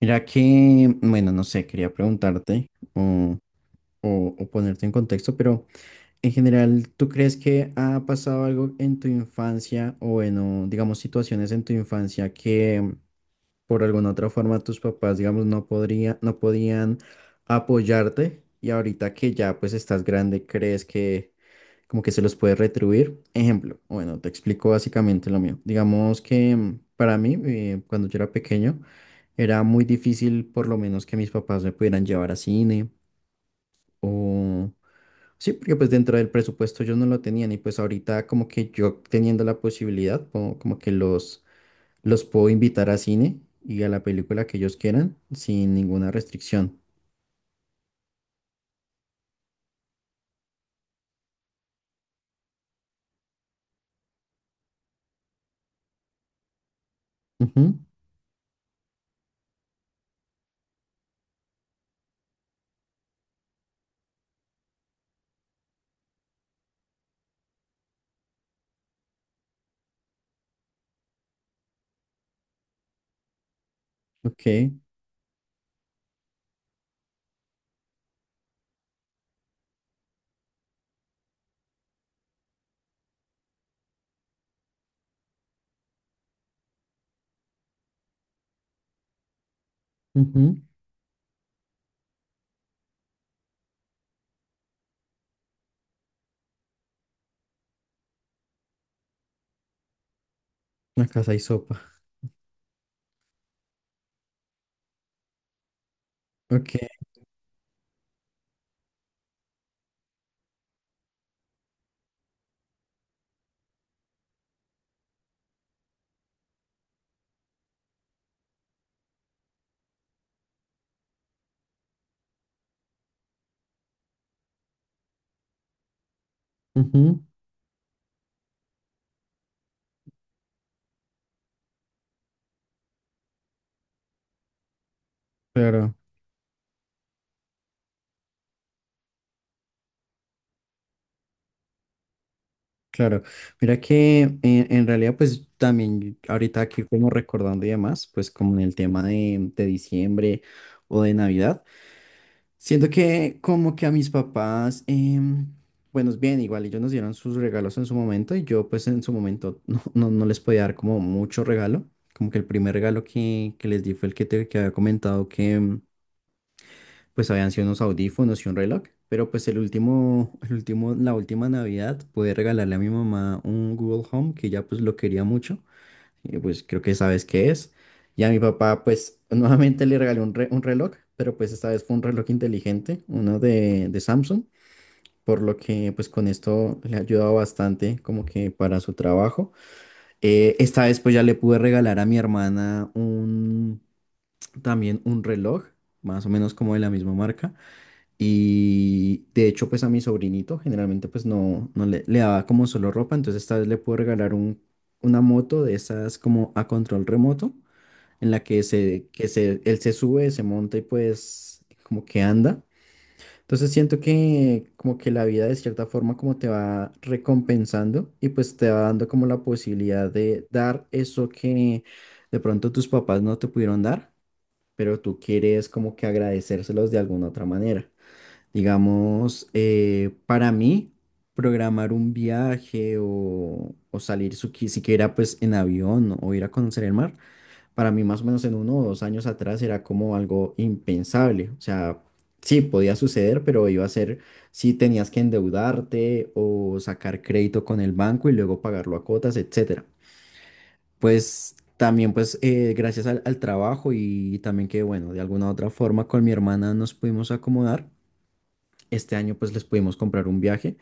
Mira que, bueno, no sé, quería preguntarte o ponerte en contexto, pero en general, ¿tú crees que ha pasado algo en tu infancia o, bueno, digamos, situaciones en tu infancia que por alguna otra forma tus papás, digamos, no podían apoyarte y ahorita que ya pues estás grande, crees que como que se los puede retribuir. Ejemplo, bueno, te explico básicamente lo mío. Digamos que para mí, cuando yo era pequeño, era muy difícil por lo menos que mis papás me pudieran llevar a cine o... Sí, porque pues dentro del presupuesto yo no lo tenían y pues ahorita como que yo teniendo la posibilidad, como que los puedo invitar a cine y a la película que ellos quieran sin ninguna restricción. Ujú, ok. Ujú. Una casa y sopa. Ok. Ujú. Claro. Claro, mira que en realidad pues también ahorita aquí como recordando y demás, pues como en el tema de diciembre o de Navidad, siento que como que a mis papás, bueno, es bien, igual ellos nos dieron sus regalos en su momento y yo pues en su momento no, no, no les podía dar como mucho regalo, como que el primer regalo que les di fue el que te que había comentado que, pues habían sido unos audífonos y un reloj, pero pues la última Navidad pude regalarle a mi mamá un Google Home que ya pues lo quería mucho, y pues creo que sabes qué es. Y a mi papá pues nuevamente le regalé un reloj, pero pues esta vez fue un reloj inteligente, uno de Samsung. Por lo que pues con esto le ha ayudado bastante como que para su trabajo. Esta vez pues ya le pude regalar a mi hermana un también un reloj, más o menos como de la misma marca y de hecho, pues a mi sobrinito generalmente pues no, le daba como solo ropa, entonces esta vez le puedo regalar una moto de esas como a control remoto, en la que, él se sube, se monta y pues como que anda. Entonces siento que como que la vida de cierta forma como te va recompensando y pues te va dando como la posibilidad de dar eso que de pronto tus papás no te pudieron dar, pero tú quieres como que agradecérselos de alguna otra manera. Digamos, para mí, programar un viaje o salir siquiera pues en avión o ir a conocer el mar, para mí más o menos en uno o dos años atrás era como algo impensable. O sea, sí, podía suceder, pero iba a ser si tenías que endeudarte o sacar crédito con el banco y luego pagarlo a cuotas, etcétera. Pues también pues gracias al trabajo y también que bueno, de alguna u otra forma con mi hermana nos pudimos acomodar este año pues les pudimos comprar un viaje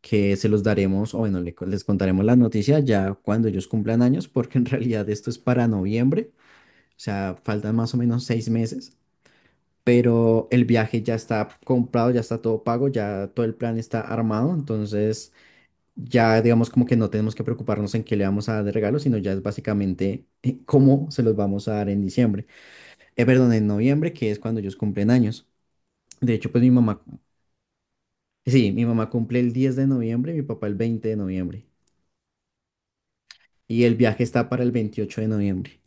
que se los daremos, o bueno, les contaremos las noticias ya cuando ellos cumplan años, porque en realidad esto es para noviembre, o sea, faltan más o menos 6 meses, pero el viaje ya está comprado, ya está todo pago, ya todo el plan está armado, entonces ya digamos como que no tenemos que preocuparnos en qué le vamos a dar de regalo, sino ya es básicamente cómo se los vamos a dar en diciembre, perdón, en noviembre, que es cuando ellos cumplen años. De hecho, pues mi mamá, sí, mi mamá cumple el 10 de noviembre, mi papá el 20 de noviembre. Y el viaje está para el 28 de noviembre.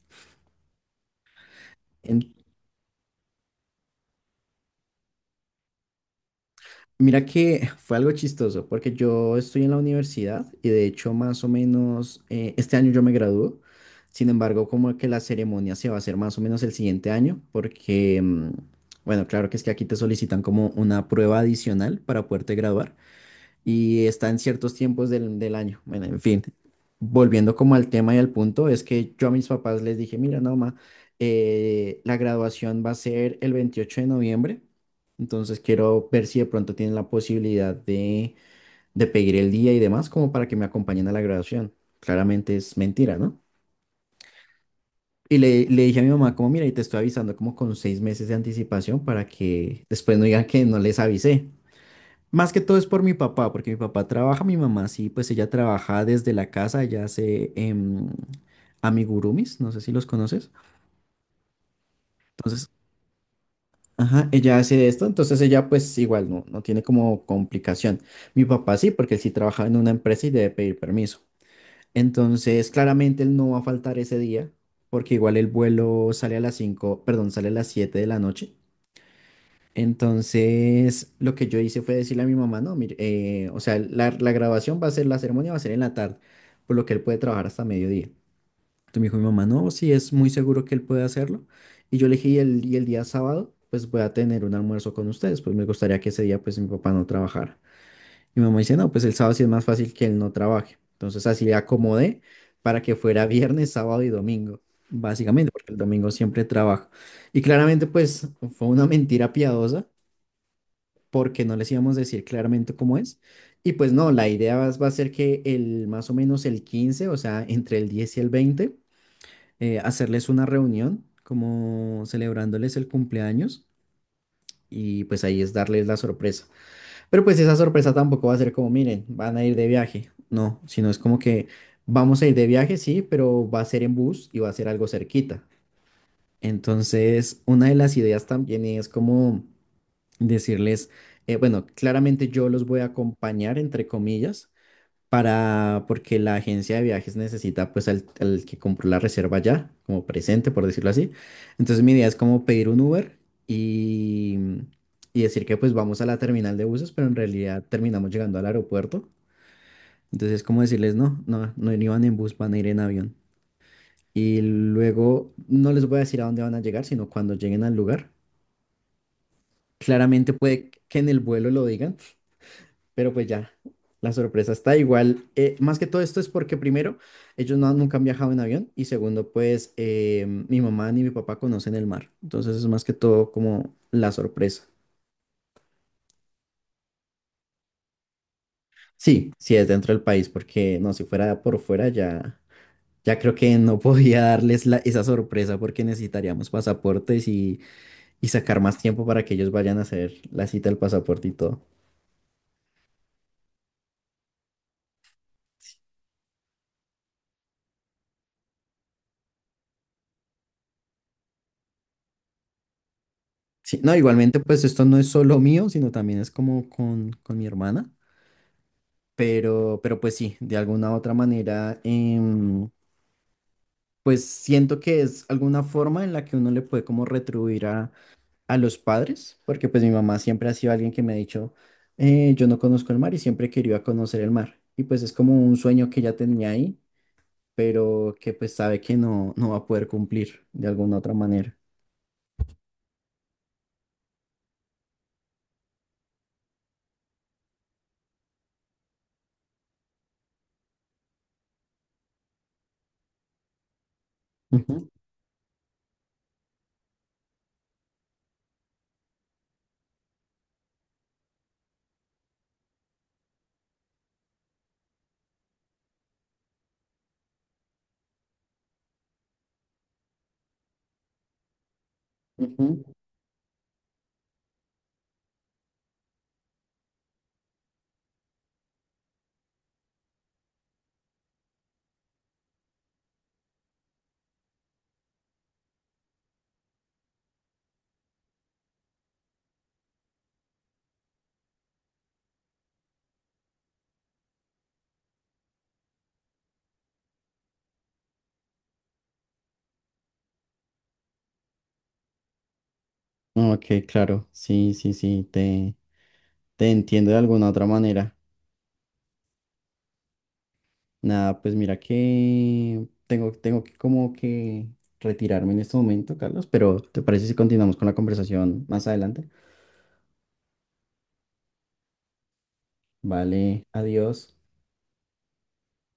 En- Mira que fue algo chistoso, porque yo estoy en la universidad y de hecho más o menos este año yo me gradúo. Sin embargo, como que la ceremonia se va a hacer más o menos el siguiente año, porque, bueno, claro que es que aquí te solicitan como una prueba adicional para poderte graduar. Y está en ciertos tiempos del año. Bueno, en fin, volviendo como al tema y al punto, es que yo a mis papás les dije, mira, no, ma, la graduación va a ser el 28 de noviembre, entonces quiero ver si de pronto tienen la posibilidad de pedir el día y demás como para que me acompañen a la graduación. Claramente es mentira, ¿no? Y le dije a mi mamá como, mira, y te estoy avisando como con 6 meses de anticipación para que después no digan que no les avisé. Más que todo es por mi papá, porque mi papá trabaja, mi mamá sí, pues ella trabaja desde la casa, ella hace amigurumis, no sé si los conoces. Entonces, ajá, ella hace esto, entonces ella pues igual no, no tiene como complicación. Mi papá sí, porque él sí trabaja en una empresa y debe pedir permiso. Entonces, claramente él no va a faltar ese día, porque igual el vuelo sale a las 5, perdón, sale a las 7 de la noche. Entonces, lo que yo hice fue decirle a mi mamá, no, mire, o sea, la grabación va a ser, la ceremonia va a ser en la tarde, por lo que él puede trabajar hasta mediodía. Entonces me dijo mi mamá, no, sí, es muy seguro que él puede hacerlo. Y yo le dije, y el día sábado, pues voy a tener un almuerzo con ustedes, pues me gustaría que ese día, pues mi papá no trabajara. Y mi mamá dice, no, pues el sábado sí es más fácil que él no trabaje. Entonces así le acomodé para que fuera viernes, sábado y domingo, básicamente, porque el domingo siempre trabajo. Y claramente, pues fue una mentira piadosa porque no les íbamos a decir claramente cómo es. Y pues no, la idea va a ser que el más o menos el 15, o sea, entre el 10 y el 20, hacerles una reunión como celebrándoles el cumpleaños y pues ahí es darles la sorpresa. Pero pues esa sorpresa tampoco va a ser como, miren, van a ir de viaje, no, sino es como que vamos a ir de viaje, sí, pero va a ser en bus y va a ser algo cerquita. Entonces, una de las ideas también es como decirles, bueno, claramente yo los voy a acompañar, entre comillas, para, porque la agencia de viajes necesita pues al que compró la reserva ya, como presente, por decirlo así. Entonces, mi idea es como pedir un Uber y, y decir que pues vamos a la terminal de buses, pero en realidad terminamos llegando al aeropuerto. Entonces, como decirles, no, no, no iban en bus, van a ir en avión. Y luego no les voy a decir a dónde van a llegar, sino cuando lleguen al lugar. Claramente puede que en el vuelo lo digan, pero pues ya, la sorpresa está igual. Más que todo esto es porque primero, ellos no, nunca han viajado en avión y segundo, pues mi mamá ni mi papá conocen el mar. Entonces es más que todo como la sorpresa. Sí, sí es dentro del país, porque no, si fuera por fuera ya, creo que no podía darles esa sorpresa porque necesitaríamos pasaportes y sacar más tiempo para que ellos vayan a hacer la cita del pasaporte y todo. Sí, no, igualmente, pues esto no es solo mío, sino también es como con mi hermana, pero pues sí, de alguna u otra manera, pues siento que es alguna forma en la que uno le puede como retribuir a los padres, porque pues mi mamá siempre ha sido alguien que me ha dicho, "Yo no conozco el mar y siempre quería conocer el mar, y pues es como un sueño que ya tenía ahí, pero que pues sabe que no, no va a poder cumplir de alguna otra manera." Ujú. Ok, claro, sí, sí, sí, te entiendo de alguna otra manera. Nada, pues mira que tengo que como que retirarme en este momento, Carlos, pero ¿te parece si continuamos con la conversación más adelante? Vale, adiós.